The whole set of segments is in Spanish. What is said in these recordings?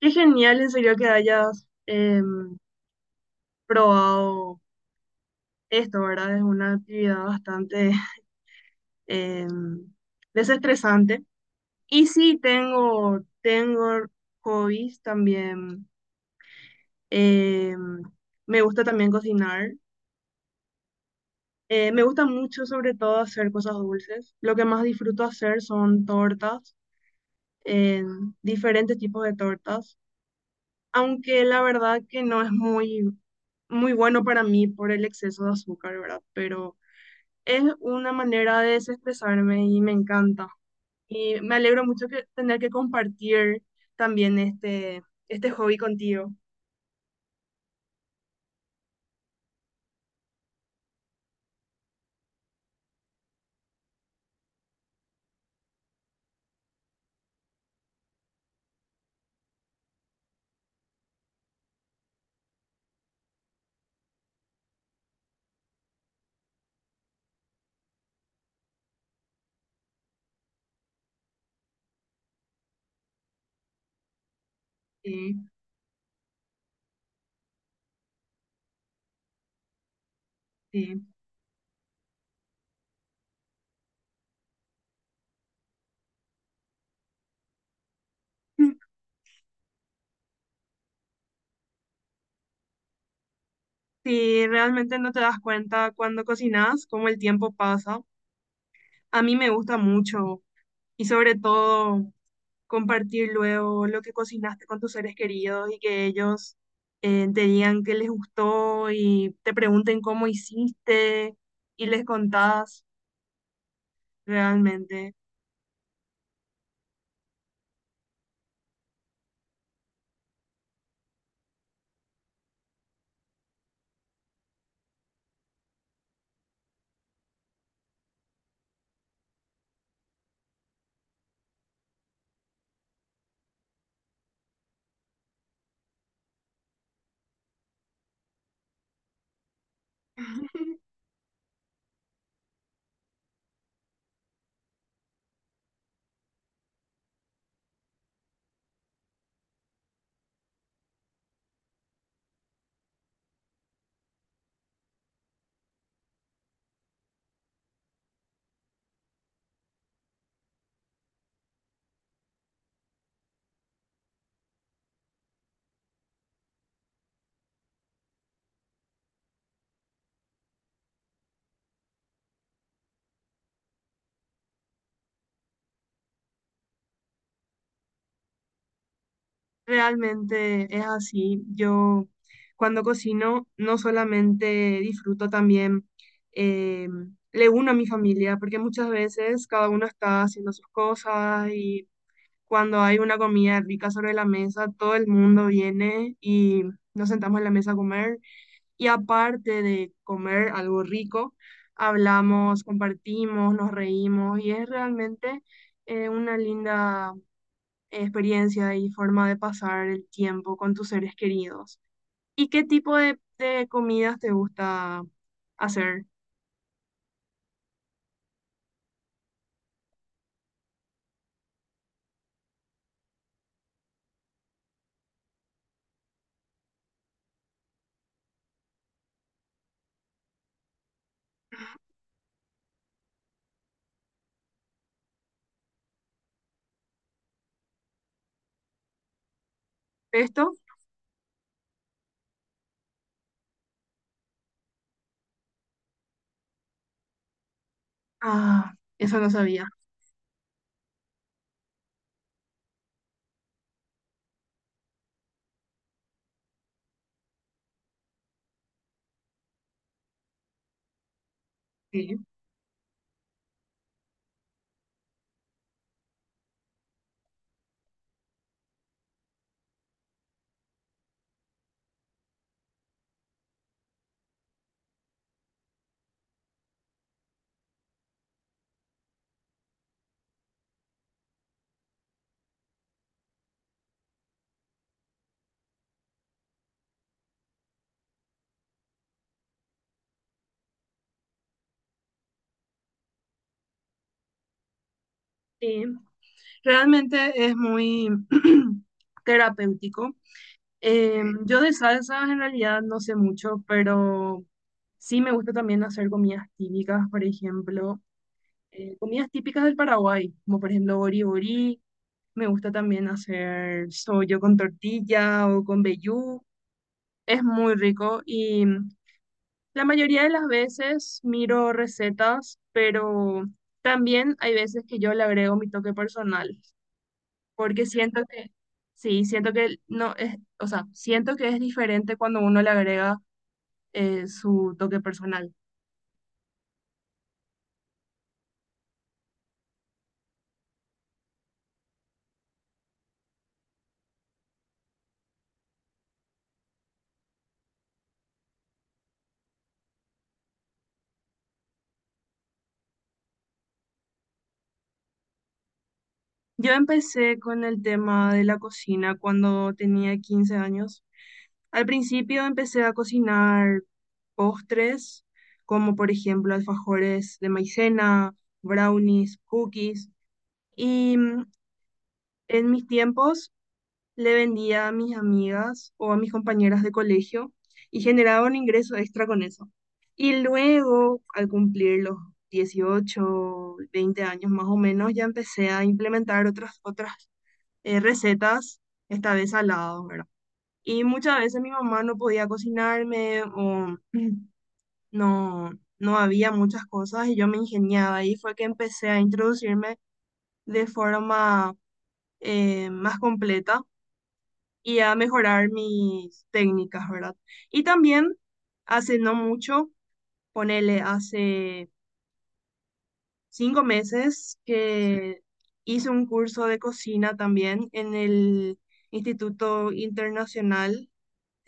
Qué genial, en serio, que hayas probado esto, ¿verdad? Es una actividad bastante em, desestresante. Y sí, tengo hobbies también. Em, Me gusta también cocinar. Me gusta mucho, sobre todo, hacer cosas dulces. Lo que más disfruto hacer son tortas, diferentes tipos de tortas. Aunque la verdad que no es muy bueno para mí por el exceso de azúcar, ¿verdad? Pero es una manera de desestresarme y me encanta. Y me alegro mucho que tener que compartir también este hobby contigo. Sí, sí. Sí, realmente no te das cuenta cuando cocinas, cómo el tiempo pasa. A mí me gusta mucho y sobre todo compartir luego lo que cocinaste con tus seres queridos y que ellos te digan qué les gustó y te pregunten cómo hiciste y les contás realmente. Realmente es así. Yo cuando cocino no solamente disfruto también, eh, le uno a mi familia, porque muchas veces cada uno está haciendo sus cosas y cuando hay una comida rica sobre la mesa, todo el mundo viene y nos sentamos en la mesa a comer. Y aparte de comer algo rico, hablamos, compartimos, nos reímos y es realmente una linda experiencia y forma de pasar el tiempo con tus seres queridos. ¿Y qué tipo de comidas te gusta hacer? ¿Pesto? Ah, eso no sabía. Sí, sí. Realmente es muy terapéutico. Yo de salsas en realidad no sé mucho, pero sí me gusta también hacer comidas típicas, por ejemplo. Eh, comidas típicas del Paraguay, como por ejemplo bori bori. Me gusta también hacer sollo con tortilla o con vellú. Es muy rico y la mayoría de las veces miro recetas, pero también hay veces que yo le agrego mi toque personal, porque siento que, sí, siento que no es, o sea, siento que es diferente cuando uno le agrega su toque personal. Yo empecé con el tema de la cocina cuando tenía 15 años. Al principio empecé a cocinar postres, como por ejemplo alfajores de maicena, brownies, cookies. Y en mis tiempos le vendía a mis amigas o a mis compañeras de colegio y generaba un ingreso extra con eso. Y luego, al cumplir los 18, 20 años más o menos, ya empecé a implementar otras recetas, esta vez al lado, y muchas veces mi mamá no podía cocinarme o no, no había muchas cosas y yo me ingeniaba. Y fue que empecé a introducirme de forma más completa y a mejorar mis técnicas, ¿verdad? Y también hace no mucho, ponele hace 5 meses que hice un curso de cocina también en el Instituto Internacional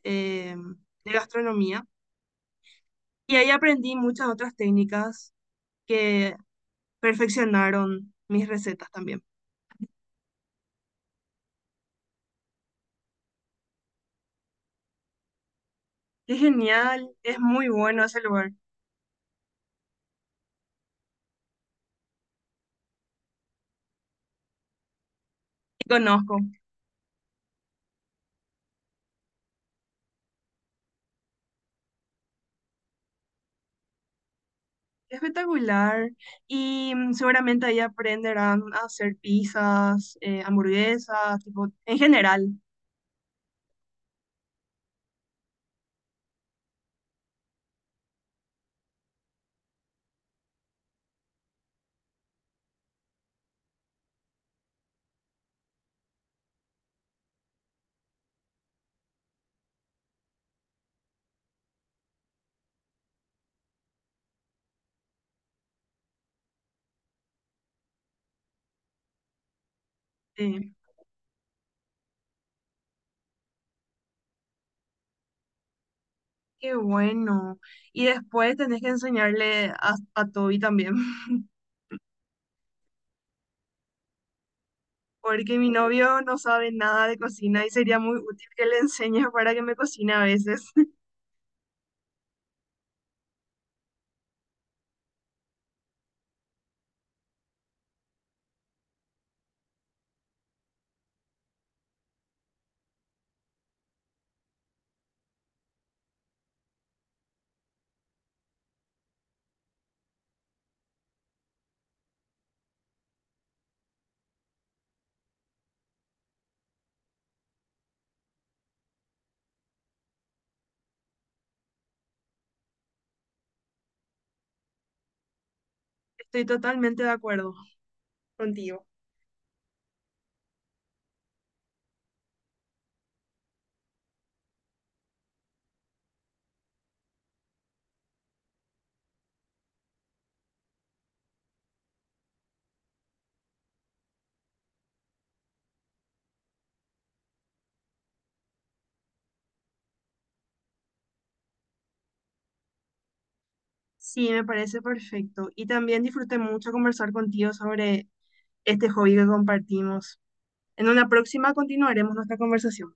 eh, de Gastronomía. Y ahí aprendí muchas otras técnicas que perfeccionaron mis recetas también. Qué genial, es muy bueno ese lugar. Y conozco, espectacular. Y seguramente ahí aprenderán a hacer pizzas, hamburguesas, tipo, en general. Eh, qué bueno. Y después tenés que enseñarle a Toby también. Porque mi novio no sabe nada de cocina y sería muy útil que le enseñe para que me cocine a veces. Estoy totalmente de acuerdo contigo. Sí, me parece perfecto. Y también disfruté mucho conversar contigo sobre este hobby que compartimos. En una próxima continuaremos nuestra conversación.